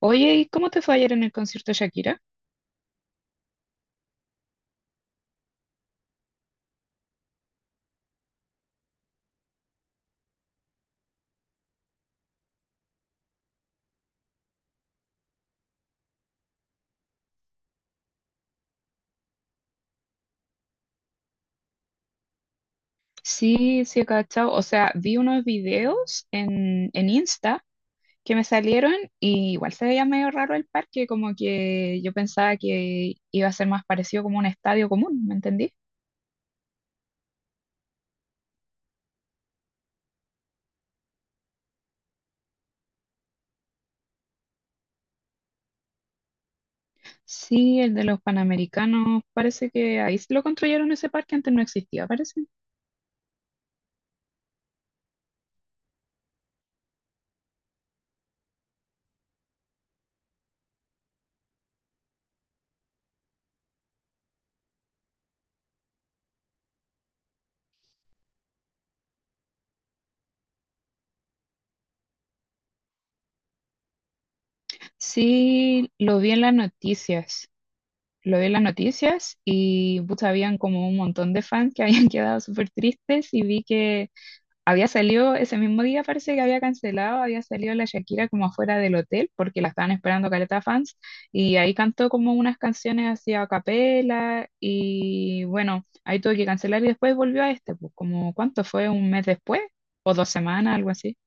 Oye, ¿y cómo te fue ayer en el concierto de Shakira? Sí, sí, he cachado. O sea, vi unos videos en, Insta que me salieron y igual se veía medio raro el parque, como que yo pensaba que iba a ser más parecido como un estadio común, ¿me entendí? Sí, el de los Panamericanos, parece que ahí lo construyeron ese parque, antes no existía, parece. Sí, lo vi en las noticias. Lo vi en las noticias y pucha, habían como un montón de fans que habían quedado súper tristes y vi que había salido ese mismo día, parece que había cancelado, había salido la Shakira como afuera del hotel porque la estaban esperando caleta fans y ahí cantó como unas canciones así a capela y bueno, ahí tuve que cancelar y después volvió a este, pues ¿como cuánto fue? ¿Un mes después? ¿O dos semanas? Algo así.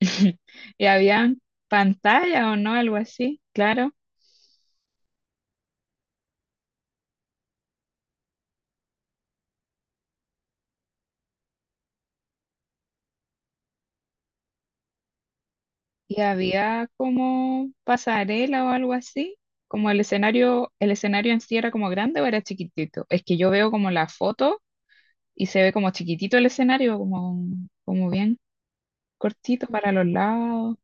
Y había pantalla o no, algo así, claro. Y había como pasarela o algo así, como el escenario en sí era como grande o era chiquitito. Es que yo veo como la foto y se ve como chiquitito el escenario, como, como bien cortito para los lados.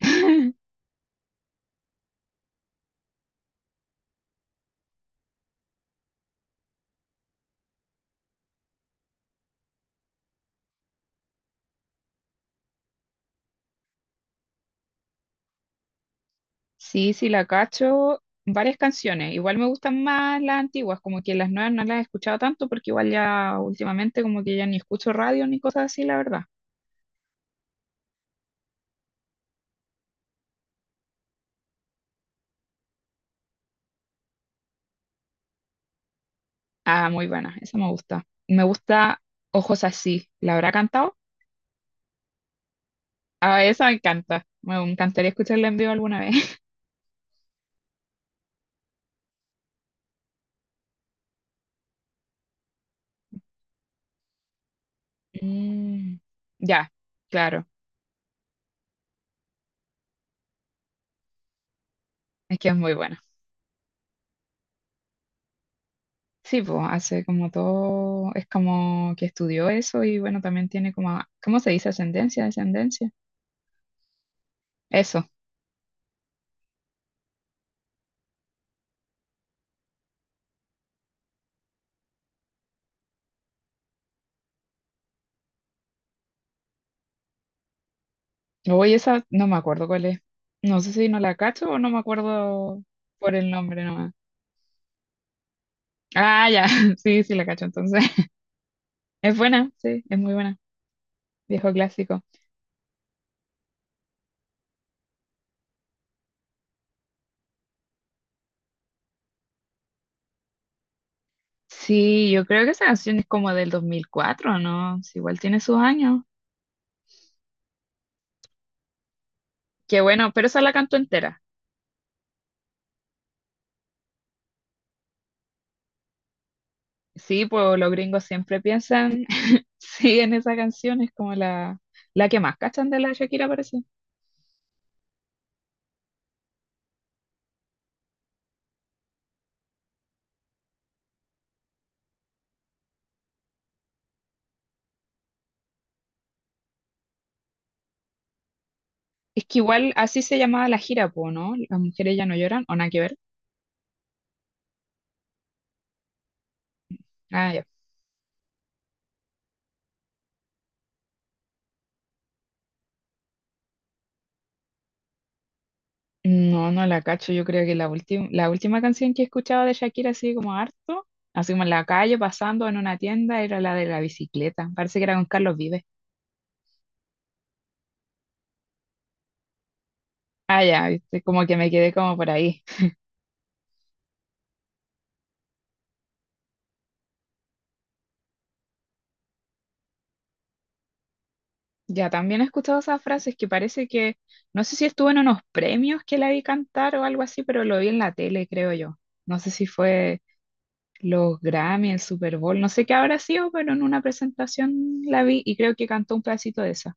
Sí, sí, la cacho. Varias canciones. Igual me gustan más las antiguas, como que las nuevas no las he escuchado tanto porque igual ya últimamente como que ya ni escucho radio ni cosas así, la verdad. Ah, muy buena, esa me gusta. Me gusta Ojos Así. ¿La habrá cantado? Ah, esa me encanta. Me encantaría escucharla en vivo alguna vez. Mm, ya, claro, es que es muy buena. Sí, pues hace como todo, es como que estudió eso y bueno, también tiene como, ¿cómo se dice? Ascendencia, descendencia. Eso. Oye, esa no me acuerdo cuál es. No sé si no la cacho o no me acuerdo por el nombre nomás. Ah, ya, sí, sí la cacho entonces. Es buena, sí, es muy buena. Viejo clásico. Sí, yo creo que esa canción es como del 2004, ¿no? Sí, igual tiene sus años. Qué bueno, pero esa la canto entera. Sí, pues los gringos siempre piensan sí, en esa canción es como la, que más cachan de la Shakira, parece. Es que igual así se llamaba la gira, po, ¿no? Las mujeres ya no lloran, o nada que ver. Ah, ya. No, no la cacho. Yo creo que la última, canción que escuchaba de Shakira, así como harto, así como en la calle, pasando en una tienda, era la de la bicicleta. Parece que era con Carlos Vives. Ah, ya, viste, como que me quedé como por ahí. Ya, también he escuchado esas frases que parece que, no sé si estuvo en unos premios que la vi cantar o algo así, pero lo vi en la tele, creo yo. No sé si fue los Grammy, el Super Bowl, no sé qué habrá sido, pero en una presentación la vi y creo que cantó un pedacito de esa.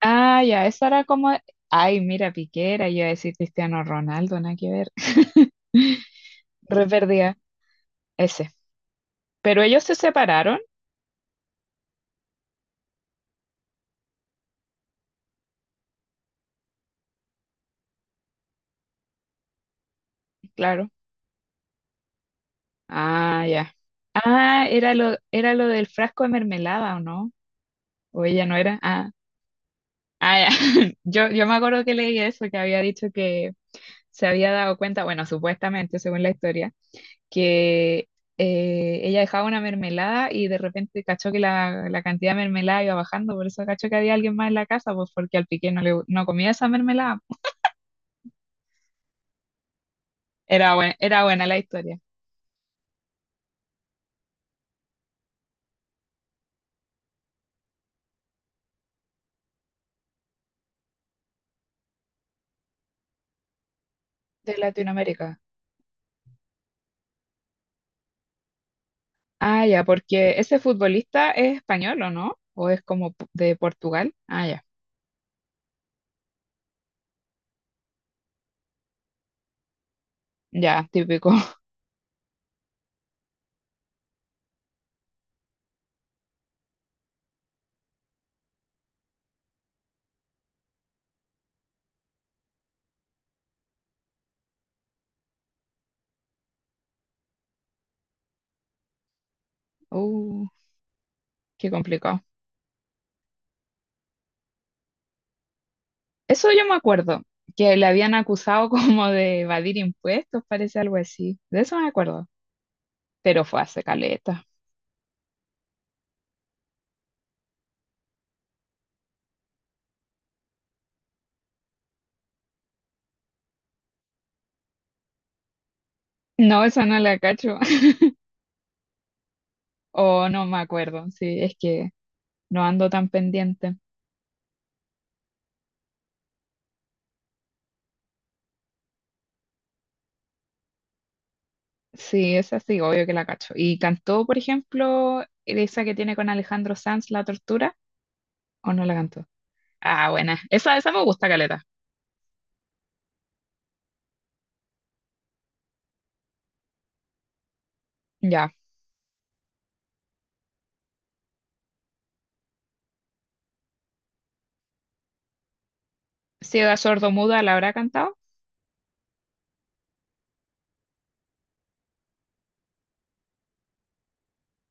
Ah, ya, esa era como, ay, mira, Piquera, yo iba a decir Cristiano Ronaldo, nada que ver. Re perdida, ese. Pero ellos se separaron, claro. Ah, ya. Ah, era lo del frasco de mermelada, ¿o no? O ella no era. Ah, ah, ya. Yo me acuerdo que leí eso, que había dicho que se había dado cuenta, bueno, supuestamente, según la historia que ella dejaba una mermelada y de repente cachó que la, cantidad de mermelada iba bajando, por eso cachó que había alguien más en la casa, pues porque al piqué no, le, no comía esa mermelada. Era buena la historia de Latinoamérica. Ah, ya, porque ese futbolista es español, ¿o no? ¿O es como de Portugal? Ah, ya, ya, típico. Uh, qué complicado. Eso yo me acuerdo, que le habían acusado como de evadir impuestos, parece algo así. De eso me acuerdo, pero fue hace caleta. No, esa no la cacho. O no me acuerdo. Sí, es que no ando tan pendiente. Sí, esa sí, obvio que la cacho. ¿Y cantó, por ejemplo, esa que tiene con Alejandro Sanz, La Tortura? ¿O no la cantó? Ah, buena. Esa me gusta, caleta. Ya. Ciega sordomuda la habrá cantado.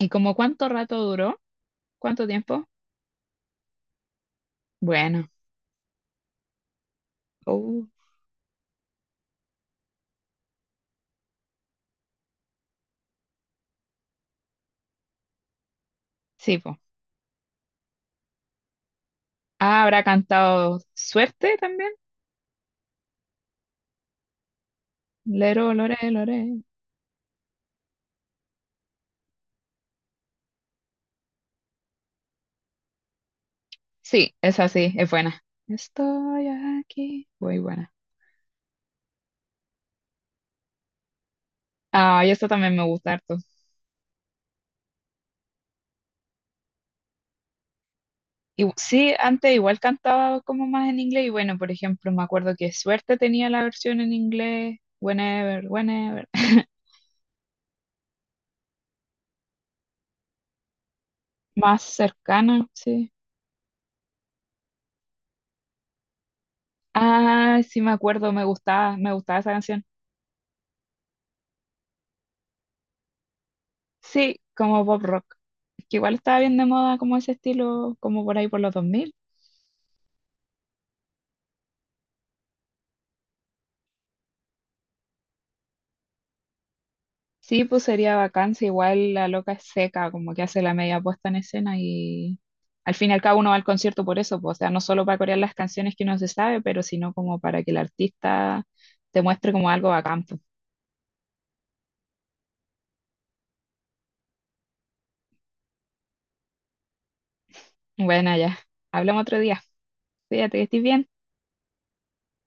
¿Y como cuánto rato duró? ¿Cuánto tiempo? Bueno. Uh, sí, pues. Ah, habrá cantado Suerte también. Lero, lore, lore. Sí, esa sí, es buena. Estoy aquí. Muy buena. Ah, y esto también me gusta harto. Y, sí, antes igual cantaba como más en inglés y bueno, por ejemplo, me acuerdo que Suerte tenía la versión en inglés, Whenever, Whenever, más cercana, sí. Ah, sí, me acuerdo, me gustaba esa canción. Sí, como pop rock, que igual estaba bien de moda como ese estilo, como por ahí por los 2000. Sí, pues sería vacancia, igual la loca es seca, como que hace la media puesta en escena y al fin y al cabo uno va al concierto por eso, pues, o sea, no solo para corear las canciones que uno se sabe, pero sino como para que el artista te muestre como algo bacán. Pues. Bueno, ya, hablamos otro día. Fíjate que estés bien.